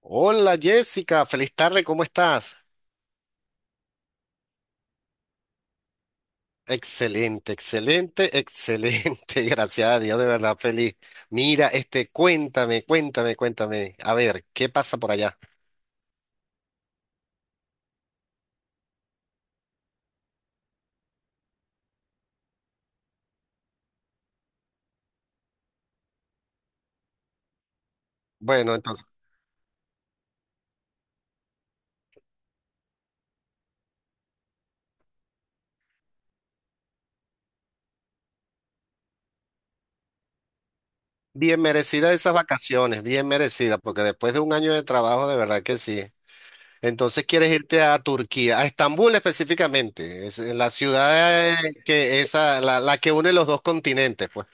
Hola Jessica, feliz tarde, ¿cómo estás? Excelente, excelente, excelente, gracias a Dios, de verdad feliz. Mira, este, cuéntame, a ver, ¿qué pasa por allá? Bueno, entonces, bien merecida esas vacaciones, bien merecida porque después de un año de trabajo, de verdad que sí. Entonces, ¿quieres irte a Turquía, a Estambul específicamente? Es la ciudad que esa, la que une los dos continentes, pues.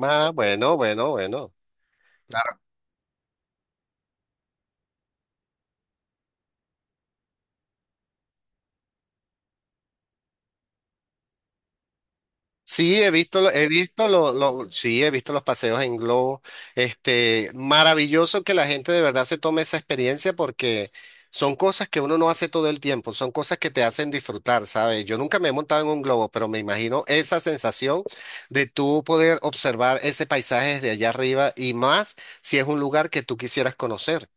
Ah, bueno, bueno, bueno. Sí, he visto, he visto sí, he visto los paseos en globo. Este, maravilloso que la gente de verdad se tome esa experiencia porque son cosas que uno no hace todo el tiempo, son cosas que te hacen disfrutar, ¿sabes? Yo nunca me he montado en un globo, pero me imagino esa sensación de tú poder observar ese paisaje desde allá arriba y más si es un lugar que tú quisieras conocer.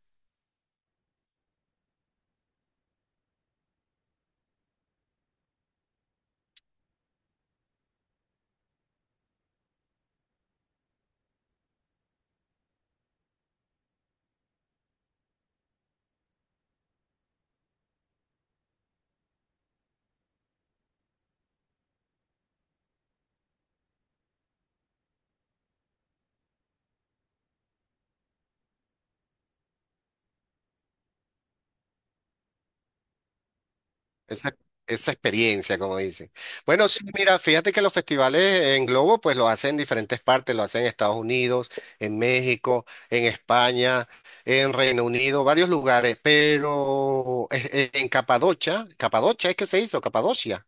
Esa, esa experiencia, como dicen. Bueno, sí, mira, fíjate que los festivales en globo, pues los hacen en diferentes partes, lo hacen en Estados Unidos, en México, en España, en Reino Unido, varios lugares, pero en Capadocia, Capadocia es que se hizo, Capadocia.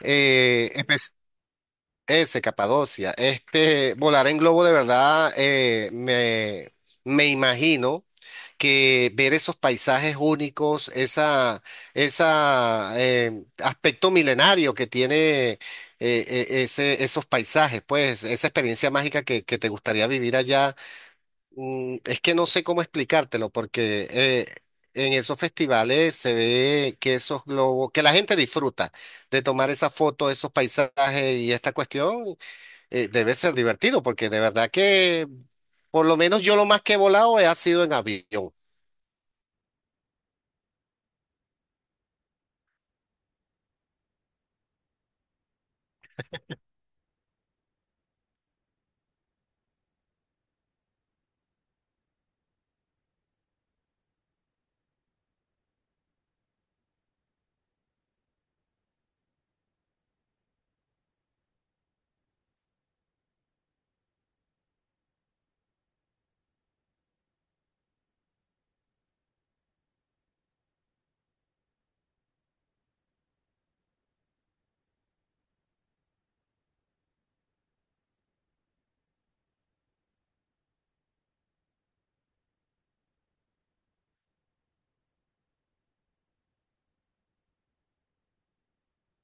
eh, Ese, Capadocia. Este, volar en globo de verdad, me imagino que ver esos paisajes únicos, esa aspecto milenario que tiene ese, esos paisajes, pues esa experiencia mágica que te gustaría vivir allá, es que no sé cómo explicártelo, porque en esos festivales se ve que esos globos, que la gente disfruta de tomar esa foto, esos paisajes y esta cuestión debe ser divertido porque de verdad que por lo menos yo lo más que he volado ha sido en avión.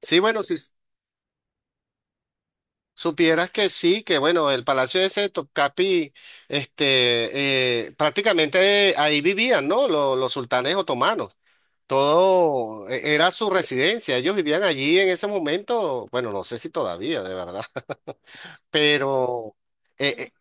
Sí, bueno, si supieras que sí, que bueno, el Palacio ese de Topkapi, este, prácticamente ahí vivían, ¿no? Los sultanes otomanos. Todo era su residencia. Ellos vivían allí en ese momento. Bueno, no sé si todavía, de verdad. Pero eh, eh,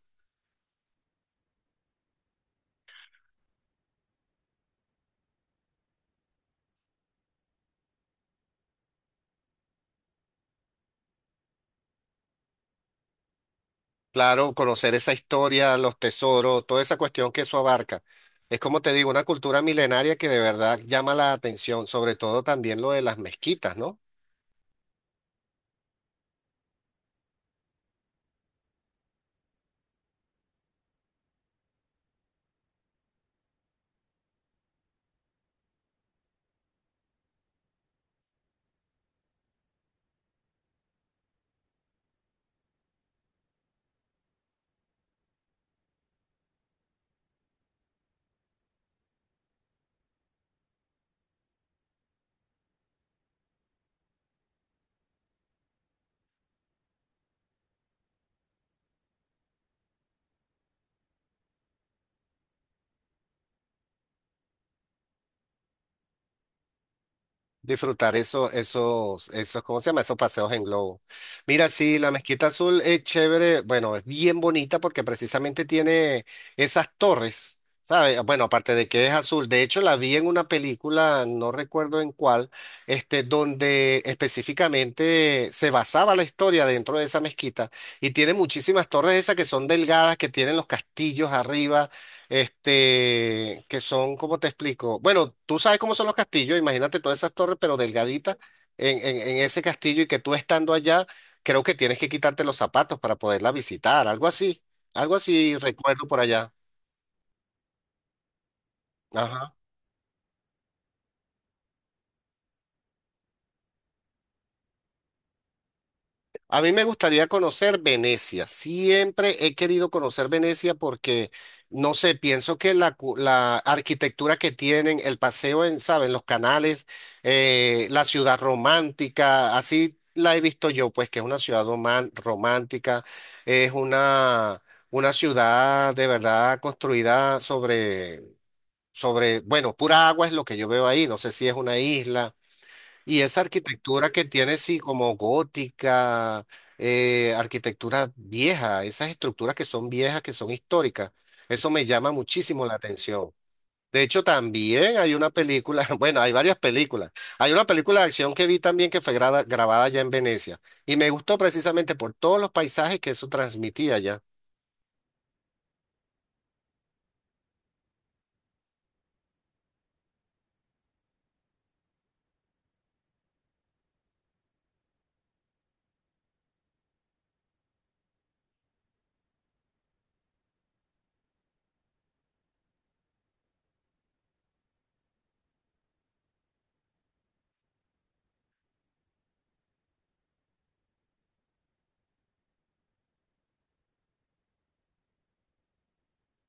claro, conocer esa historia, los tesoros, toda esa cuestión que eso abarca. Es como te digo, una cultura milenaria que de verdad llama la atención, sobre todo también lo de las mezquitas, ¿no? Disfrutar eso, esos, esos, ¿cómo se llama? Esos paseos en globo. Mira, sí, la Mezquita Azul es chévere, bueno, es bien bonita porque precisamente tiene esas torres, ¿sabes? Bueno, aparte de que es azul, de hecho la vi en una película, no recuerdo en cuál, este, donde específicamente se basaba la historia dentro de esa mezquita y tiene muchísimas torres esas que son delgadas, que tienen los castillos arriba, este, que son, ¿cómo te explico? Bueno, tú sabes cómo son los castillos, imagínate todas esas torres, pero delgaditas en, en ese castillo y que tú estando allá, creo que tienes que quitarte los zapatos para poderla visitar, algo así recuerdo por allá. Ajá. A mí me gustaría conocer Venecia. Siempre he querido conocer Venecia porque, no sé, pienso que la, la arquitectura que tienen, el paseo en, ¿saben? Los canales, la ciudad romántica, así la he visto yo, pues que es una ciudad romántica, es una ciudad de verdad construida sobre, sobre, bueno, pura agua es lo que yo veo ahí. No sé si es una isla. Y esa arquitectura que tiene, sí, como gótica, arquitectura vieja, esas estructuras que son viejas, que son históricas, eso me llama muchísimo la atención. De hecho, también hay una película, bueno, hay varias películas. Hay una película de acción que vi también que fue grabada allá en Venecia y me gustó precisamente por todos los paisajes que eso transmitía allá.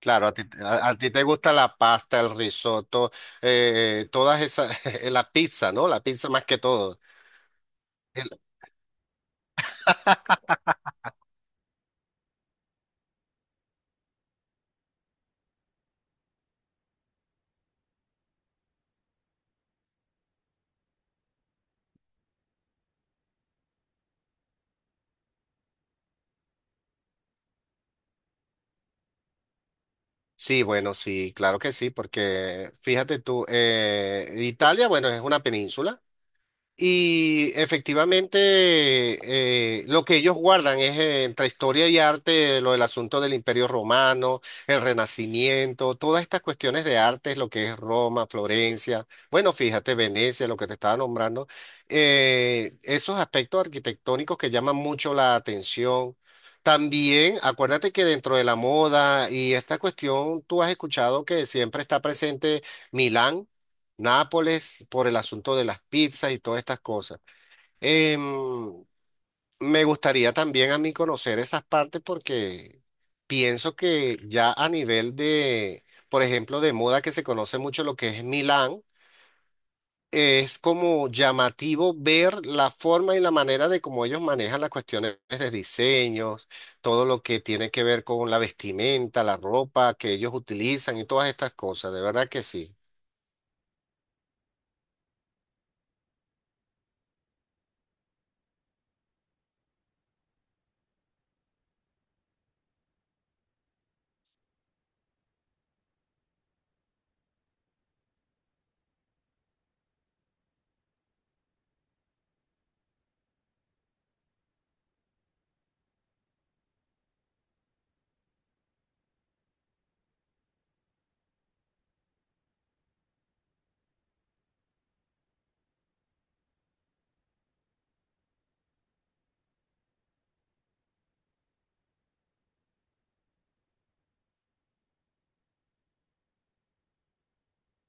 Claro, a ti, a ti te gusta la pasta, el risotto, todas esas, la pizza, ¿no? La pizza más que todo. Sí, bueno, sí, claro que sí, porque fíjate tú, Italia, bueno, es una península. Y efectivamente, lo que ellos guardan es entre historia y arte lo del asunto del Imperio Romano, el Renacimiento, todas estas cuestiones de arte, lo que es Roma, Florencia, bueno, fíjate, Venecia, lo que te estaba nombrando, esos aspectos arquitectónicos que llaman mucho la atención. También, acuérdate que dentro de la moda y esta cuestión, tú has escuchado que siempre está presente Milán. Nápoles por el asunto de las pizzas y todas estas cosas. Em, Me gustaría también a mí conocer esas partes porque pienso que ya a nivel de, por ejemplo, de moda que se conoce mucho lo que es Milán, es como llamativo ver la forma y la manera de cómo ellos manejan las cuestiones de diseños, todo lo que tiene que ver con la vestimenta, la ropa que ellos utilizan y todas estas cosas. De verdad que sí.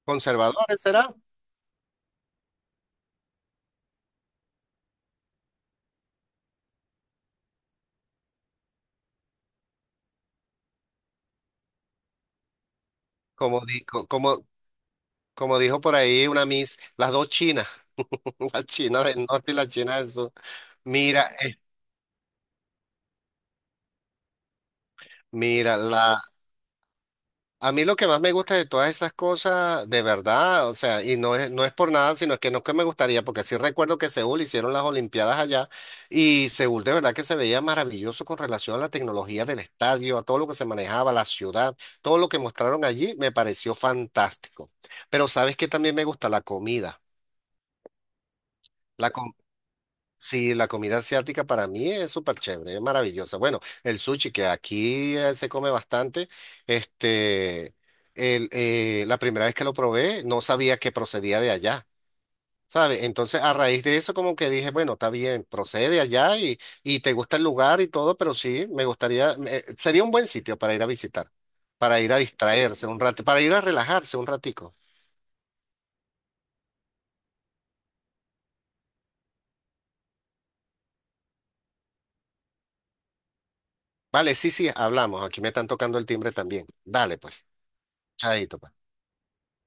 Conservadores será. Como, como, como dijo por ahí una Miss, las dos chinas, la China del norte y la China del sur. Mira, mira, la, a mí lo que más me gusta de todas esas cosas, de verdad, o sea, y no es, no es por nada, sino es que no es que me gustaría, porque sí recuerdo que Seúl hicieron las Olimpiadas allá y Seúl de verdad que se veía maravilloso con relación a la tecnología del estadio, a todo lo que se manejaba, la ciudad, todo lo que mostraron allí me pareció fantástico. Pero sabes que también me gusta la comida. Sí, la comida asiática para mí es súper chévere, es maravillosa. Bueno, el sushi que aquí se come bastante, este, la primera vez que lo probé no sabía que procedía de allá, ¿sabes? Entonces a raíz de eso como que dije, bueno, está bien, procede de allá y te gusta el lugar y todo, pero sí, me gustaría, sería un buen sitio para ir a visitar, para ir a distraerse un rato, para ir a relajarse un ratico. Vale, sí, sí, hablamos, aquí me están tocando el timbre también. Dale, pues, chaito, pues.